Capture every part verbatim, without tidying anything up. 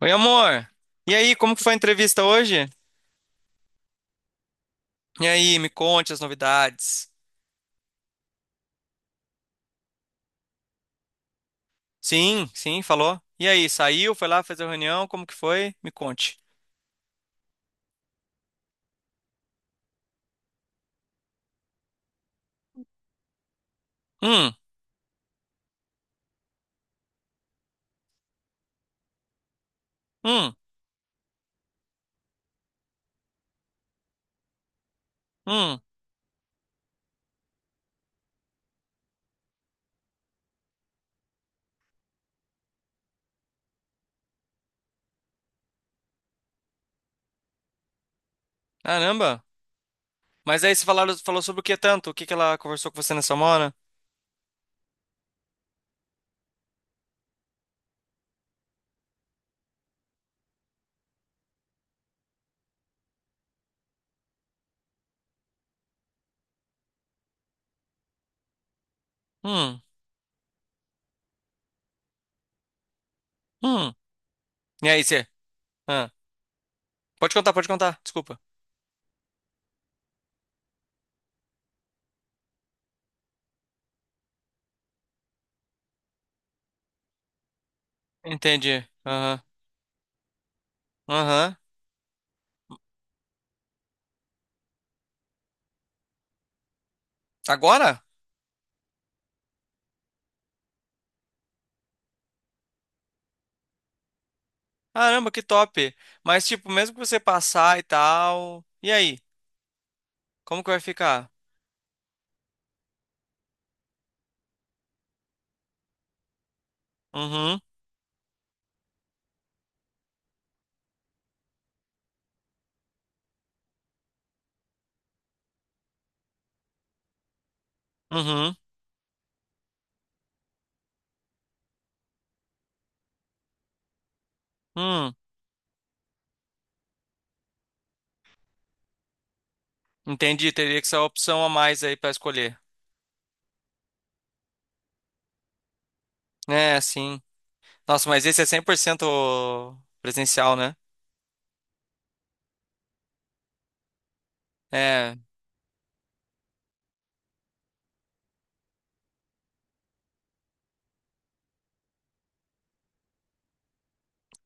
Oi, amor. E aí, como que foi a entrevista hoje? E aí, me conte as novidades. Sim, sim, falou. E aí, saiu, foi lá fazer a reunião, como que foi? Me conte. Hum, hum, hum. Caramba. Mas aí, você falaram, falou sobre o que tanto? O que que ela conversou com você nessa hora? Hum, hum. E aí, você? Ah, pode contar, pode contar. Desculpa. Entendi. Aham, aham. Agora? Caramba, que top. Mas, tipo, mesmo que você passar e tal. E aí? Como que vai ficar? Uhum, uhum. Hum, entendi. Teria que ser a opção a mais aí pra escolher. É, sim. Nossa, mas esse é cem por cento presencial, né? É.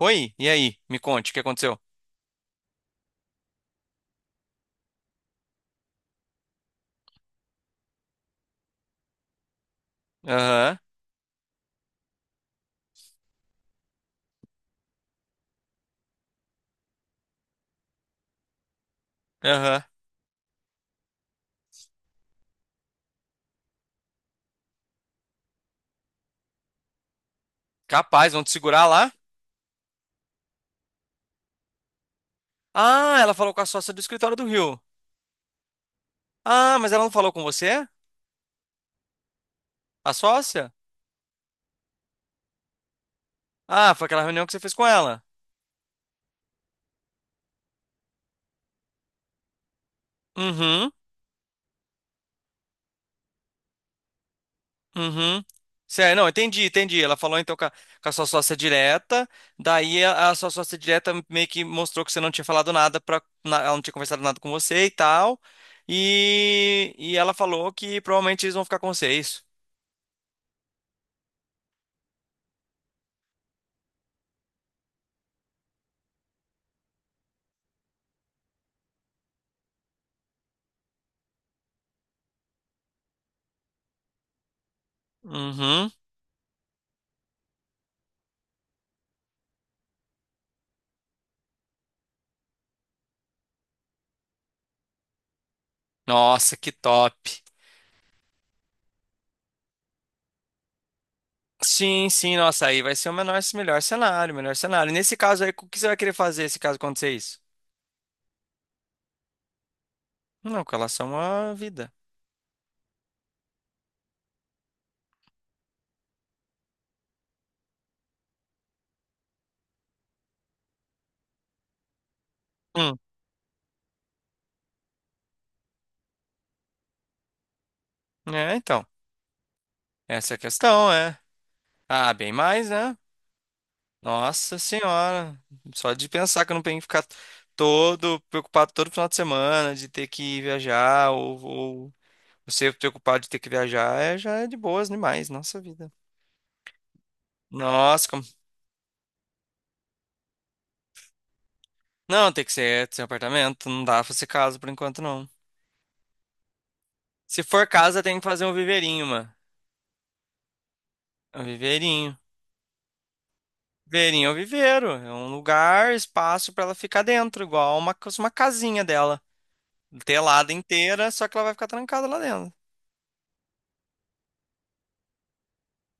Oi, e aí? Me conte, o que aconteceu? Aham, aham. Capaz, vão te segurar lá? Ah, ela falou com a sócia do escritório do Rio. Ah, mas ela não falou com você? A sócia? Ah, foi aquela reunião que você fez com ela. Uhum. Uhum. Sério, não, entendi, entendi. Ela falou então com a, com a sua sócia direta, daí a, a sua sócia direta meio que mostrou que você não tinha falado nada para ela, não tinha conversado nada com você e tal. E, e ela falou que provavelmente eles vão ficar com você, é isso? Uhum. Nossa, que top. Sim, sim, nossa, aí vai ser o menor, melhor cenário, melhor cenário. E nesse caso aí, o que você vai querer fazer se caso acontecer isso? Não, com relação à vida. Hum, é, então, essa é a questão, é. Ah, bem mais, né? Nossa senhora, só de pensar que eu não tenho que ficar todo preocupado todo final de semana de ter que viajar ou, ou ser preocupado de ter que viajar, é, já é de boas demais, nossa vida. Nossa, como... não, tem que ser seu apartamento, não dá pra ser casa por enquanto não. Se for casa, tem que fazer um viveirinho, mano. Um viveirinho. Viveirinho é um viveiro, é um lugar, espaço pra ela ficar dentro, igual uma, uma casinha dela, telada inteira, só que ela vai ficar trancada lá dentro.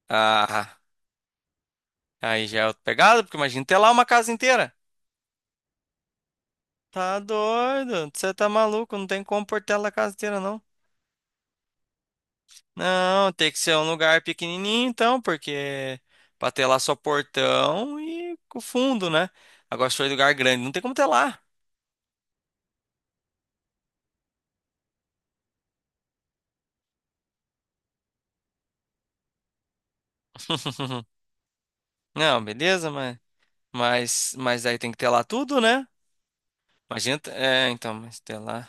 Ah. Aí já é outra pegada, porque imagina ter lá uma casa inteira. Tá doido, você tá maluco, não tem como pôr tela a casa inteira, não. Não, tem que ser um lugar pequenininho então, porque pra ter lá só portão e o fundo, né? Agora se for lugar grande, não tem como ter lá. Não, beleza, mas, mas, mas aí tem que ter lá tudo, né? Imagina, t- é, então, mas ter lá.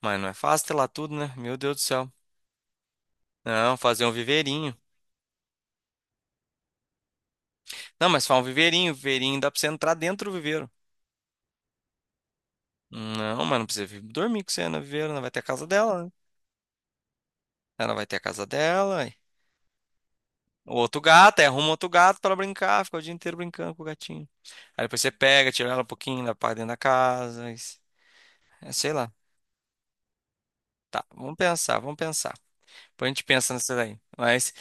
Mas não é fácil ter lá tudo, né? Meu Deus do céu. Não, fazer um viveirinho. Não, mas faz um viveirinho, viveirinho dá pra você entrar dentro do viveiro. Não, mas não precisa vir dormir com você, Ana Viveira. Ela vai ter a casa dela, né? Ela vai ter a casa dela. E O outro gato, aí arruma outro gato pra brincar, fica o dia inteiro brincando com o gatinho. Aí depois você pega, tira ela um pouquinho, leva pra dentro da casa. isso- É, sei lá. Tá, vamos pensar, vamos pensar. Depois a gente pensa nessa daí. Mas,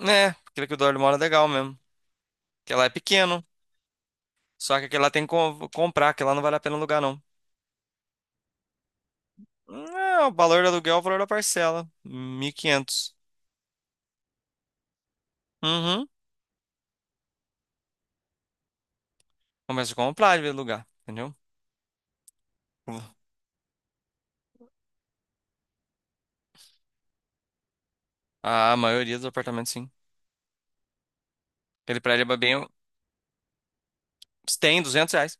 né, aquilo que o Dorley mora é legal mesmo. Porque lá é pequeno. Só que aquele lá tem que com- comprar, que lá não vale a pena alugar, não. Não, o valor do aluguel é o valor da parcela. mil e quinhentos. Uhum. Começa a comprar de vez em lugar, entendeu? A maioria dos apartamentos, sim. Aquele prédio é bem. Tem duzentos reais.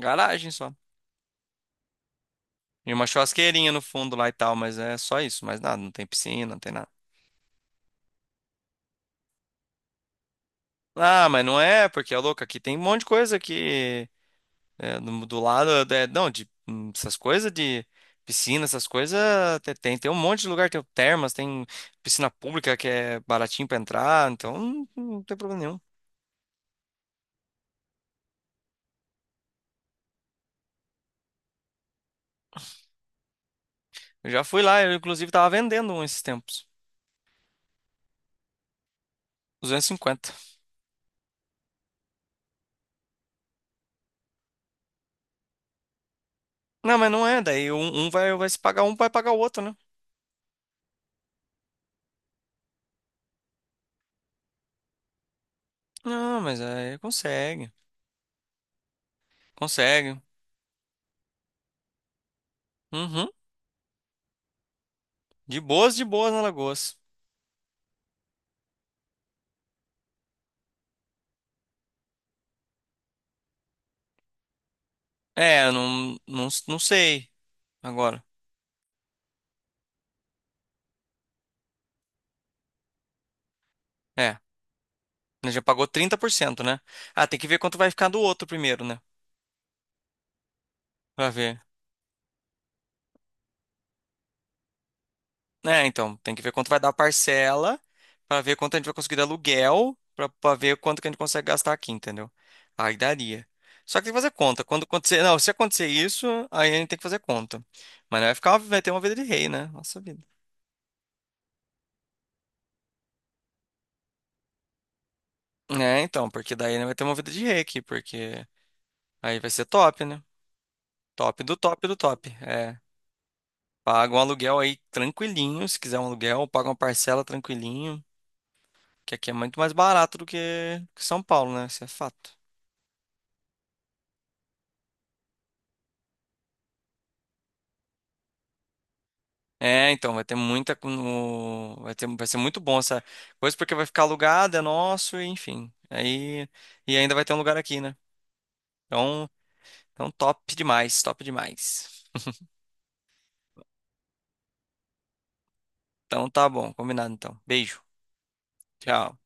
Garagem só. E uma churrasqueirinha no fundo lá e tal, mas é só isso, mais nada. Não tem piscina, não tem nada. Ah, mas não é, porque é louco. Aqui tem um monte de coisa que. É, do, do lado. É, não, de. hum, Essas coisas de piscina, essas coisas. te- Tem, tem um monte de lugar. Tem o termas, tem piscina pública que é baratinho pra entrar. Então não, não tem problema nenhum. Eu já fui lá, eu inclusive tava vendendo um esses tempos. Duzentos e cinquenta. Não, mas não é. Daí um, um vai, vai se pagar um, vai pagar o outro, né? Não, mas aí consegue. Consegue. Uhum. De boas, de boas na Alagoas. É, eu não, não, não sei agora. É, ele já pagou trinta por cento, né? Ah, tem que ver quanto vai ficar do outro primeiro, né? Pra ver. É, então, tem que ver quanto vai dar a parcela, pra ver quanto a gente vai conseguir de aluguel, pra, pra ver quanto que a gente consegue gastar aqui, entendeu? Aí daria. Só que tem que fazer conta. Quando acontecer, não, se acontecer isso, aí a gente tem que fazer conta. Mas não vai ficar, vai ter uma vida de rei, né? Nossa vida. É, então, porque daí né, vai ter uma vida de rei aqui, porque aí vai ser top, né? Top do top do top. É, paga um aluguel aí tranquilinho, se quiser um aluguel, paga uma parcela tranquilinho, que aqui é muito mais barato do que que São Paulo, né? Isso é fato. É, então, vai ter muita. com- no- Vai ter, vai ser muito bom essa coisa, porque vai ficar alugado, é nosso, e enfim. Aí, e ainda vai ter um lugar aqui, né? Então, então top demais, top demais. Então tá bom, combinado então. Beijo, tchau.